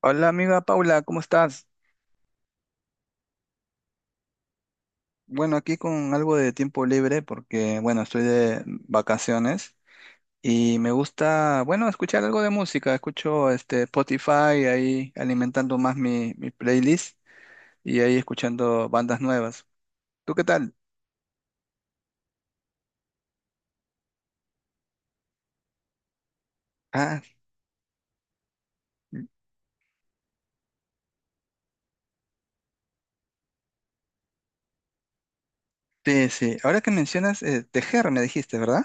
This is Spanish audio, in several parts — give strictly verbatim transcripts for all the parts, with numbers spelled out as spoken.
Hola amiga Paula, ¿cómo estás? Bueno, aquí con algo de tiempo libre porque, bueno, estoy de vacaciones y me gusta, bueno, escuchar algo de música. Escucho este Spotify ahí alimentando más mi, mi playlist y ahí escuchando bandas nuevas. ¿Tú qué tal? Ah, sí, sí. Ahora que mencionas eh, tejer, me dijiste, ¿verdad?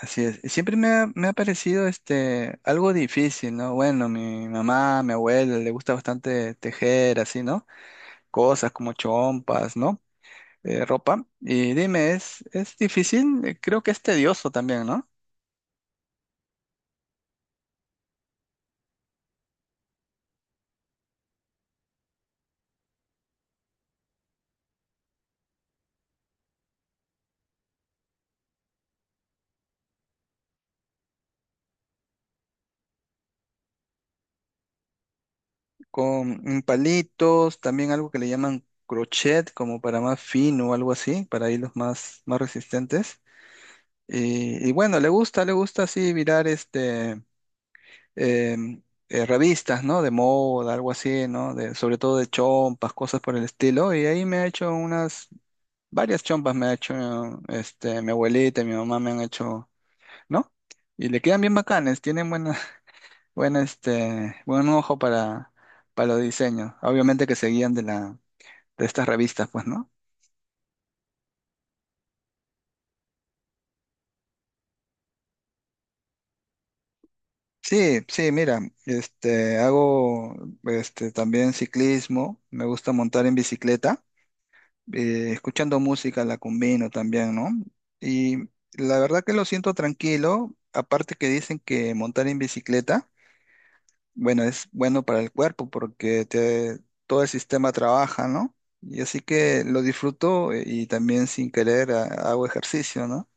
Así es. Y siempre me ha, me ha parecido este algo difícil, ¿no? Bueno, mi mamá, mi abuela le gusta bastante tejer, así, ¿no? Cosas como chompas, ¿no? Eh, ropa. Y dime, ¿es, ¿es difícil? Eh, Creo que es tedioso también, ¿no? Con mm, palitos, también algo que le llaman crochet, como para más fino o algo así, para hilos más, más resistentes. Y, y bueno, le gusta, le gusta así mirar este, em, eh, revistas, ¿no? De moda, algo así, ¿no? De, sobre todo de chompas, cosas por el estilo. Y ahí me ha hecho unas, varias chompas me ha hecho, este, mi abuelita y mi mamá me han hecho, ¿no? Y le quedan bien bacanes, tienen buena, buena, este, buen ojo para, para los diseños. Obviamente que se guían de la, de estas revistas, pues, ¿no? Sí, sí, mira, este, hago este, también ciclismo, me gusta montar en bicicleta, eh, escuchando música la combino también, ¿no? Y la verdad que lo siento tranquilo, aparte que dicen que montar en bicicleta, bueno, es bueno para el cuerpo porque te, todo el sistema trabaja, ¿no? Y así que lo disfruto, eh, y también sin querer ah, hago ejercicio, ¿no?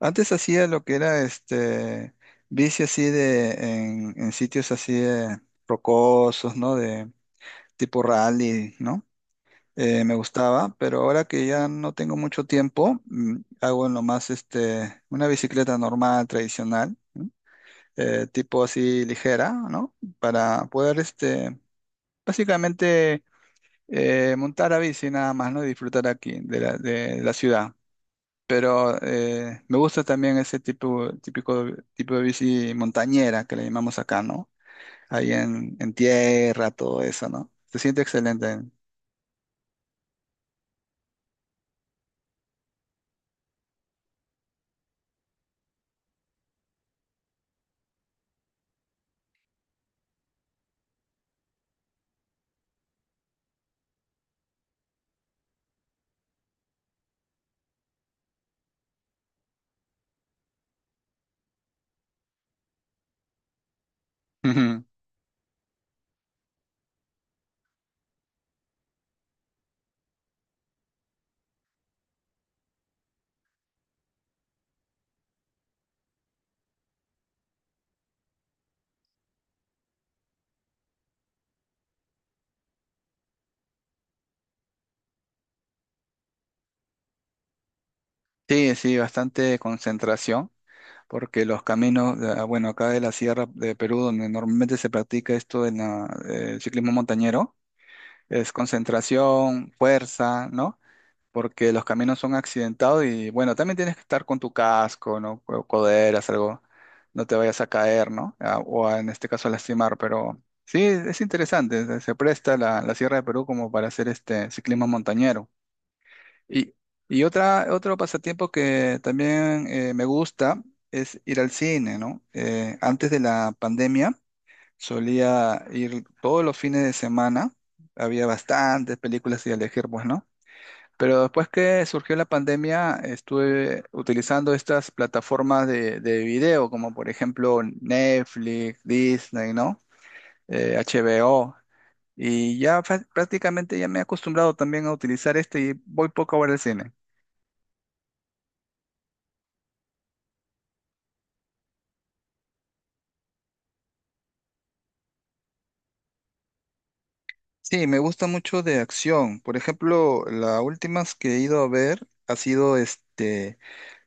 Antes hacía lo que era este bici así de en, en sitios así de rocosos, ¿no? De tipo rally, ¿no? Eh, me gustaba, pero ahora que ya no tengo mucho tiempo, mm, hago nomás este una bicicleta normal, tradicional, eh, tipo así ligera, ¿no? Para poder este básicamente eh, montar a bici nada más, ¿no? Y disfrutar aquí de la, de la ciudad. Pero eh, me gusta también ese tipo, típico, tipo de bici montañera que le llamamos acá, ¿no? Ahí en, en tierra, todo eso, ¿no? Se siente excelente. Ujú. Sí, sí, bastante concentración, porque los caminos, ah, bueno, acá de la sierra de Perú, donde normalmente se practica esto en la- eh, el ciclismo montañero, es concentración, fuerza, ¿no? Porque los caminos son accidentados y bueno, también tienes que estar con tu casco, ¿no? Co- Coderas, algo, no te vayas a caer, ¿no? A- o a- en este caso a lastimar, pero sí, es interesante, se se presta la, la Sierra de Perú como para hacer este ciclismo montañero. Y, y otra, otro pasatiempo que también eh, me gusta es ir al cine, ¿no? Eh, antes de la pandemia solía ir todos los fines de semana, había bastantes películas y elegir, pues, ¿no? Pero después que surgió la pandemia, estuve utilizando estas plataformas de, de video, como por ejemplo Netflix, Disney, ¿no? Eh, H B O. Y ya fa- prácticamente ya me he acostumbrado también a utilizar este y voy poco a ver el cine. Sí, me gusta mucho de acción. Por ejemplo, la última que he ido a ver ha sido este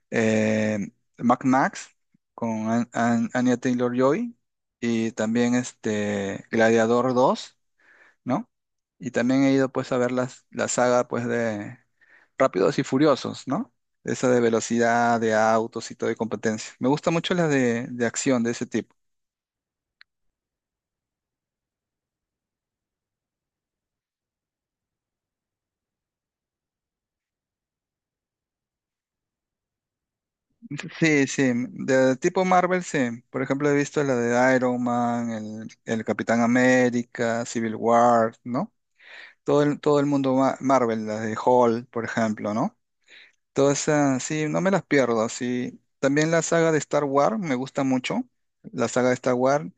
eh, Mad Max con An- An- Anya Taylor-Joy y también este Gladiador dos, ¿no? Y también he ido pues a ver las, la saga pues de Rápidos y Furiosos, ¿no? Esa de velocidad, de autos y todo de competencia. Me gusta mucho las de, de acción de ese tipo. Sí, sí, de tipo Marvel, sí. Por ejemplo, he visto la de Iron Man, el, el Capitán América, Civil War, ¿no? Todo el, todo el mundo ma- Marvel, las de Hulk, por ejemplo, ¿no? Todas esas, sí, no me las pierdo, sí. También la saga de Star Wars me gusta mucho, la saga de Star Wars.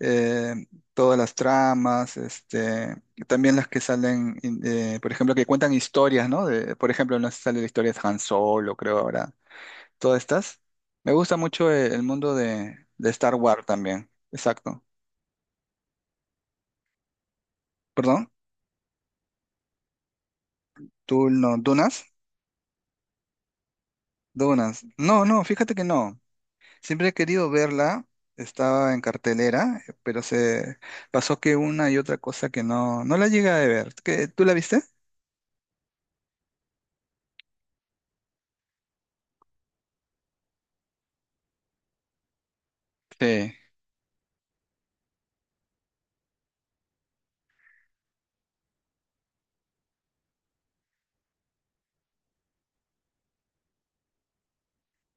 eh, Todas las tramas, este, también las que salen, in- eh, por ejemplo, que cuentan historias, ¿no? De, por ejemplo, no sé si sale la historia de Han Solo, creo ahora, todas estas. Me gusta mucho eh, el mundo de, de Star Wars también, exacto. Perdón, tú no, Dunas, Dunas. No, no, fíjate que no. Siempre he querido verla, estaba en cartelera, pero se pasó que una y otra cosa que no, no la llegué a ver. ¿Qué- ¿Tú la viste? Sí.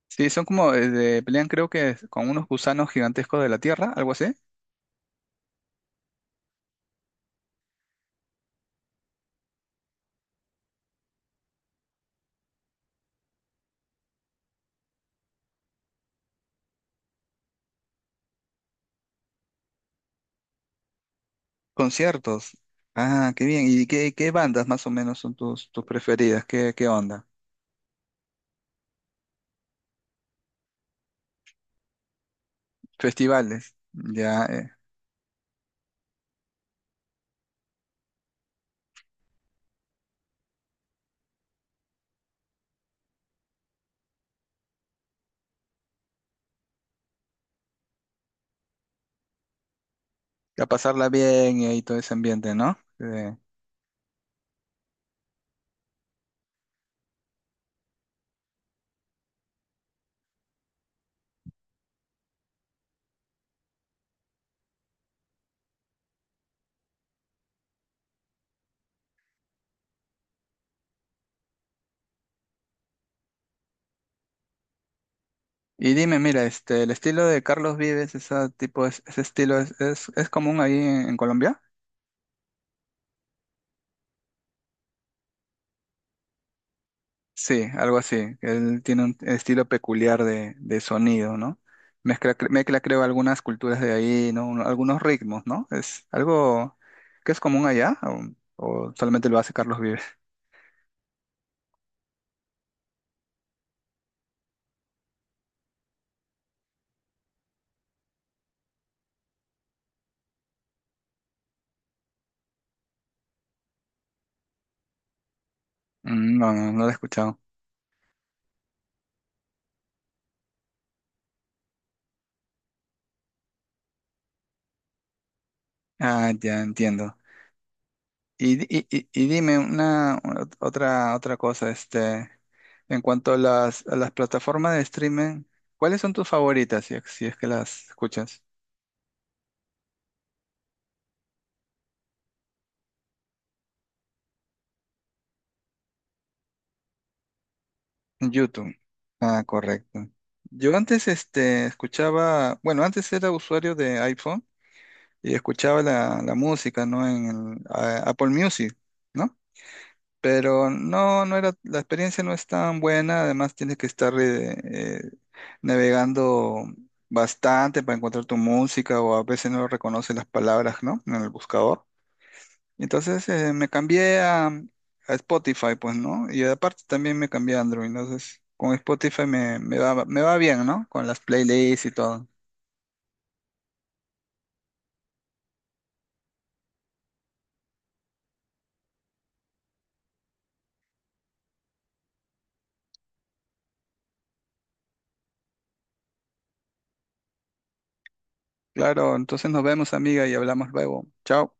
Sí, son como, eh, de- pelean creo que es con unos gusanos gigantescos de la Tierra, algo así. Conciertos. Ah, qué bien. ¿Y qué, qué bandas más o menos son tus, tus preferidas? ¿Qué, qué onda? Festivales. Ya, eh, a pasarla bien y ahí todo ese ambiente, ¿no? Eh, y dime, mira, este, el estilo de Carlos Vives, ese tipo, es- ese estilo es, es, es común ahí en, en Colombia. Sí, algo así. Él tiene un estilo peculiar de, de sonido, ¿no? Mezcla, cre- mezcla, creo, algunas culturas de ahí, ¿no? Un- Algunos ritmos, ¿no? Es algo que es común allá, o, o solamente lo hace Carlos Vives. Mm, no, no, no lo he escuchado. Ah, ya entiendo. Y, di- y, y- y dime una ot- otra, otra cosa, este, en cuanto a las, a las plataformas de streaming, ¿cuáles son tus favoritas, si, es- si es que las escuchas? YouTube. Ah, correcto. Yo antes este, escuchaba, bueno, antes era usuario de iPhone y escuchaba la, la música, ¿no? En el, a- Apple Music, ¿no? Pero no, no era, la experiencia no es tan buena, además tienes que estar eh, eh, navegando bastante para encontrar tu música o a veces no reconoce las palabras, ¿no? En el buscador. Entonces eh, me cambié a, a Spotify, pues, ¿no? Y aparte también me cambié a Android. Entonces, con Spotify me, me va, me va bien, ¿no? Con las playlists y todo. Claro, entonces nos vemos, amiga, y hablamos luego. Chao.